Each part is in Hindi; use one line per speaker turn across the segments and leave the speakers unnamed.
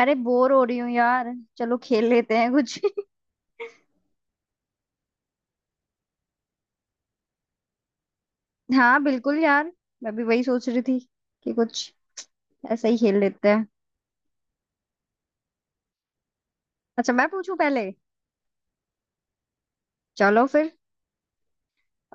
अरे, बोर हो रही हूँ यार। चलो खेल लेते हैं कुछ। हाँ, बिल्कुल यार। मैं भी वही सोच रही थी कि कुछ ऐसा ही खेल लेते हैं। अच्छा, मैं पूछूं पहले। चलो फिर।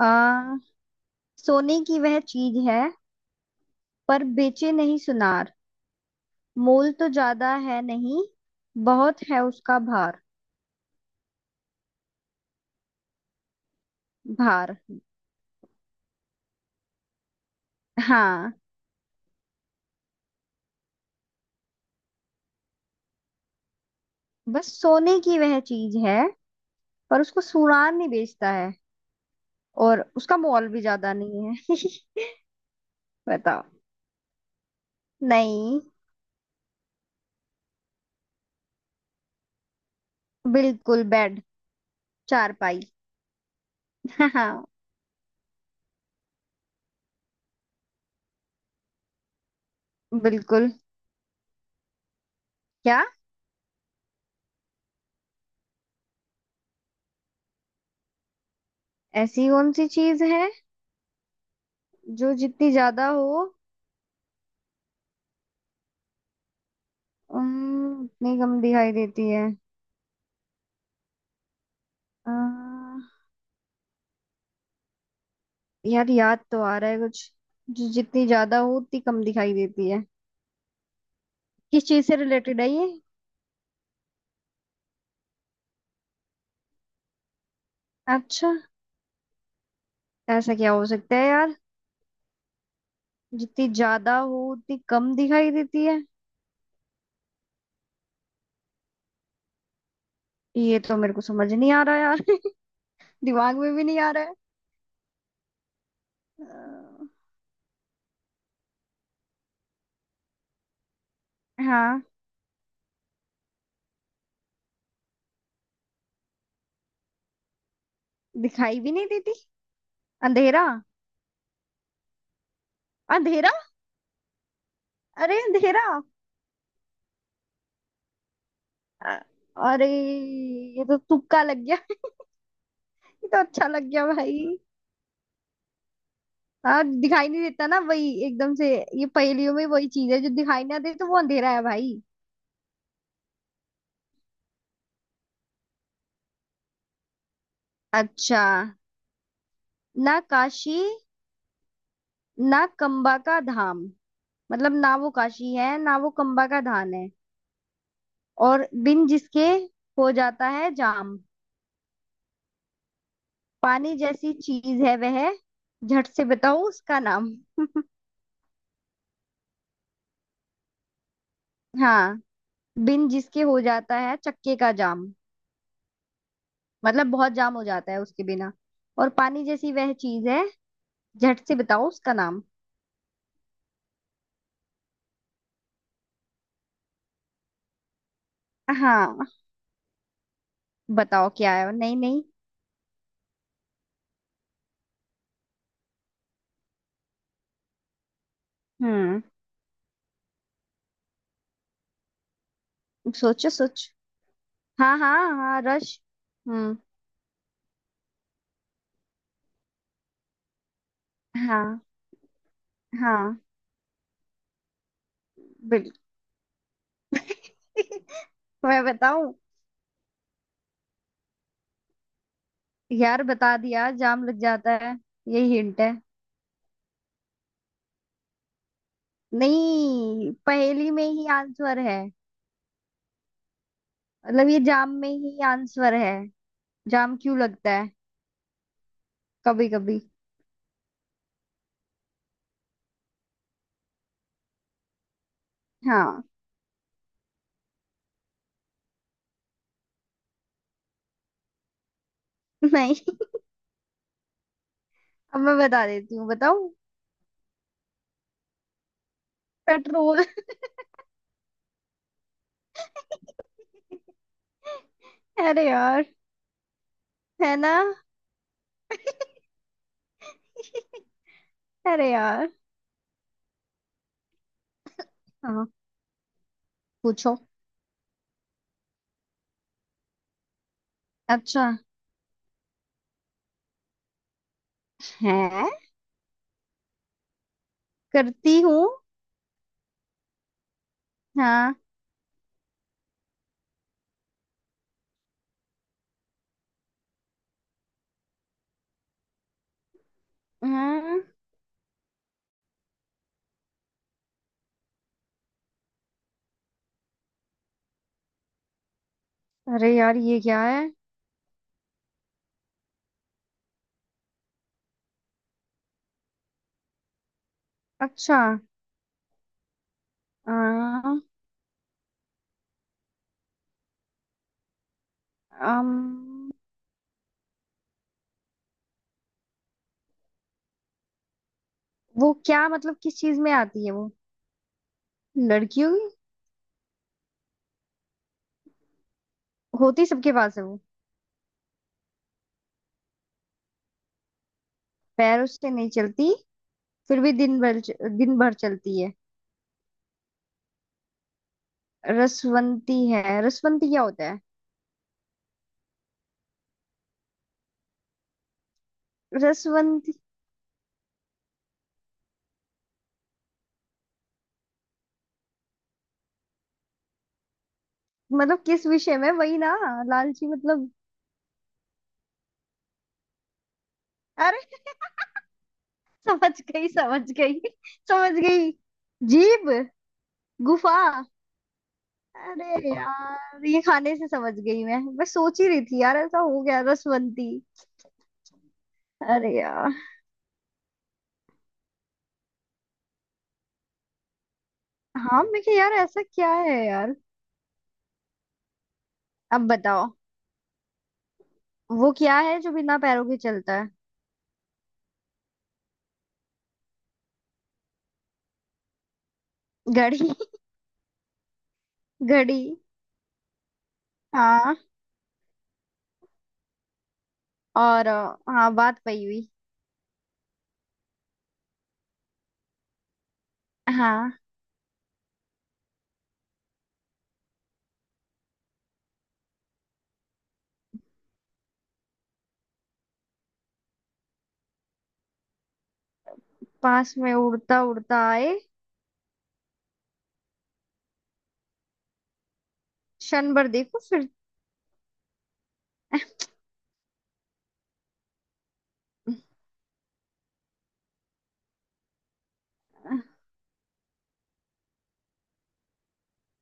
आ, सोने की वह चीज है, पर बेचे नहीं सुनार। मोल तो ज्यादा है नहीं, बहुत है उसका भार। भार। हाँ, बस सोने की वह चीज है, पर उसको सुनार नहीं बेचता है, और उसका मोल भी ज्यादा नहीं है। बताओ। नहीं। बिल्कुल बेड। चारपाई। हाँ हाँ, बिल्कुल। क्या? ऐसी कौन सी चीज है जो जितनी ज्यादा हो उतनी कम दिखाई देती है। अ, यार, याद तो आ रहा है कुछ। जो जितनी ज्यादा हो उतनी कम दिखाई देती है, किस चीज से रिलेटेड है ये? अच्छा। ऐसा क्या हो सकता है यार? जितनी ज्यादा हो उतनी कम दिखाई देती है। ये तो मेरे को समझ नहीं आ रहा यार। दिमाग में भी नहीं आ रहा है। अ, हाँ, दिखाई भी नहीं देती। अंधेरा। अंधेरा। अरे, अंधेरा। अ- अरे, ये तो तुक्का लग गया। ये तो अच्छा लग गया भाई। हाँ, दिखाई नहीं देता ना वही एकदम से। ये पहेलियों में वही चीज है जो दिखाई ना दे तो वो अंधेरा है भाई। अच्छा। ना काशी, ना कंबा का धाम। मतलब ना वो काशी है, ना वो कंबा का धाम है। और बिन जिसके हो जाता है जाम। पानी जैसी चीज है वह। झट से बताओ उसका नाम। हाँ। बिन जिसके हो जाता है चक्के का जाम। मतलब बहुत जाम हो जाता है उसके बिना। और पानी जैसी वह चीज है। झट से बताओ उसका नाम। हाँ, बताओ क्या है। नहीं नहीं। हम्म। सोचो सोच। हाँ हाँ हाँ, रश। हम्म। हाँ, हाँ, बिल्कुल। मैं बताऊं? यार, बता दिया जाम लग जाता है। यही हिंट है। नहीं, पहेली में ही आंसर है। मतलब ये जाम में ही आंसर है। जाम क्यों लगता है? कभी कभी। हाँ। नहीं। अब मैं बता देती हूँ, बताऊं। पेट्रोल। अरे यार। है ना? अरे यार। हाँ, पूछो। अच्छा है। करती हूँ। हाँ। हम्म। अरे यार, ये क्या है? अच्छा। आ, अम, वो क्या मतलब किस चीज में आती है वो? लड़कियों की होती, सबके पास है वो? पैरों से नहीं चलती, फिर भी दिन भर चलती है। रसवंती है? रसवंती क्या होता है? रसवंती मतलब किस विषय में, वही ना? लालची मतलब? अरे। समझ गई, समझ गई, समझ गई। जीभ। गुफा। अरे यार, ये खाने से समझ गई। मैं सोच ही रही थी यार, ऐसा हो गया रसवंती। अरे यार। हाँ, मैं कि यार ऐसा क्या है यार। अब बताओ। वो क्या है जो बिना पैरों के चलता है? घड़ी। घड़ी। हाँ। और हाँ, बात पई हुई। हाँ। पास में उड़ता उड़ता आए, क्षण भर देखो फिर।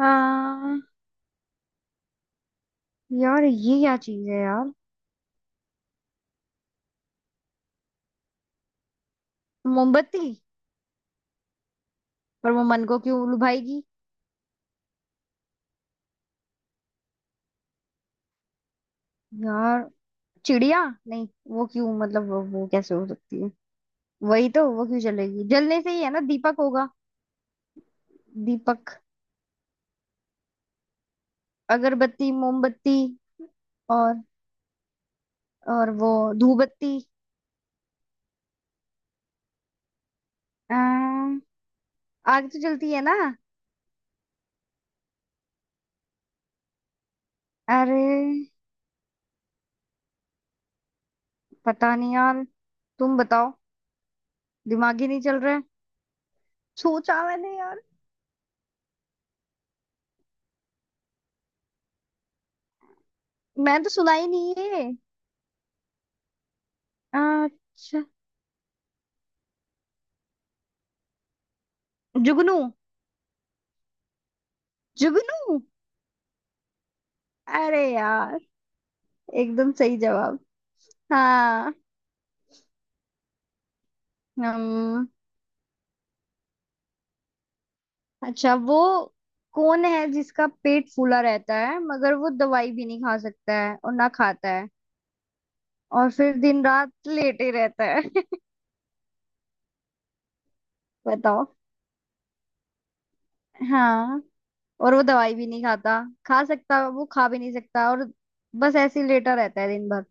हाँ, यार ये क्या चीज है यार? मोमबत्ती। पर वो मन को क्यों लुभाएगी? यार। चिड़िया नहीं? वो क्यों मतलब वो कैसे हो सकती है? वही तो, वो क्यों जलेगी? जलने से ही है ना, दीपक होगा? दीपक। अगरबत्ती, मोमबत्ती। और। और वो। धूपबत्ती। अम्म, आग तो जलती है ना। अरे, पता नहीं यार। तुम बताओ। दिमाग ही नहीं चल रहा है। सोचा मैंने यार। मैं तो सुना ही नहीं है। अच्छा। जुगनू। जुगनू। अरे यार, एकदम सही जवाब। हाँ। हम्म। अच्छा, वो कौन है जिसका पेट फूला रहता है मगर वो दवाई भी नहीं खा सकता है और ना खाता है, और फिर दिन रात लेटे रहता है? बताओ। हाँ, और वो दवाई भी नहीं खाता, खा सकता। वो खा भी नहीं सकता, और बस ऐसे ही लेटा रहता है दिन भर।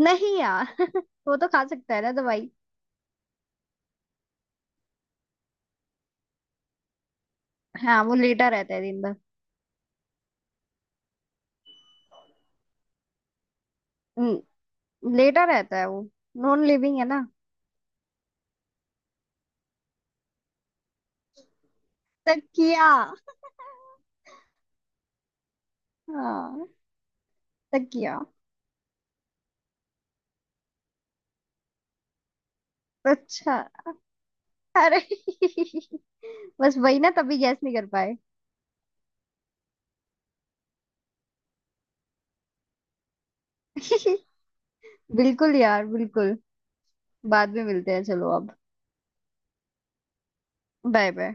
नहीं यार। वो तो खा सकता है ना दवाई। हाँ, वो लेटा रहता है दिन भर। हम्म, लेटा रहता है वो। नॉन लिविंग है ना। तकिया। हाँ, तकिया। अच्छा। अरे। बस वही ना तभी गैस नहीं कर पाए। बिल्कुल यार, बिल्कुल। बाद में मिलते हैं। चलो अब। Bye bye.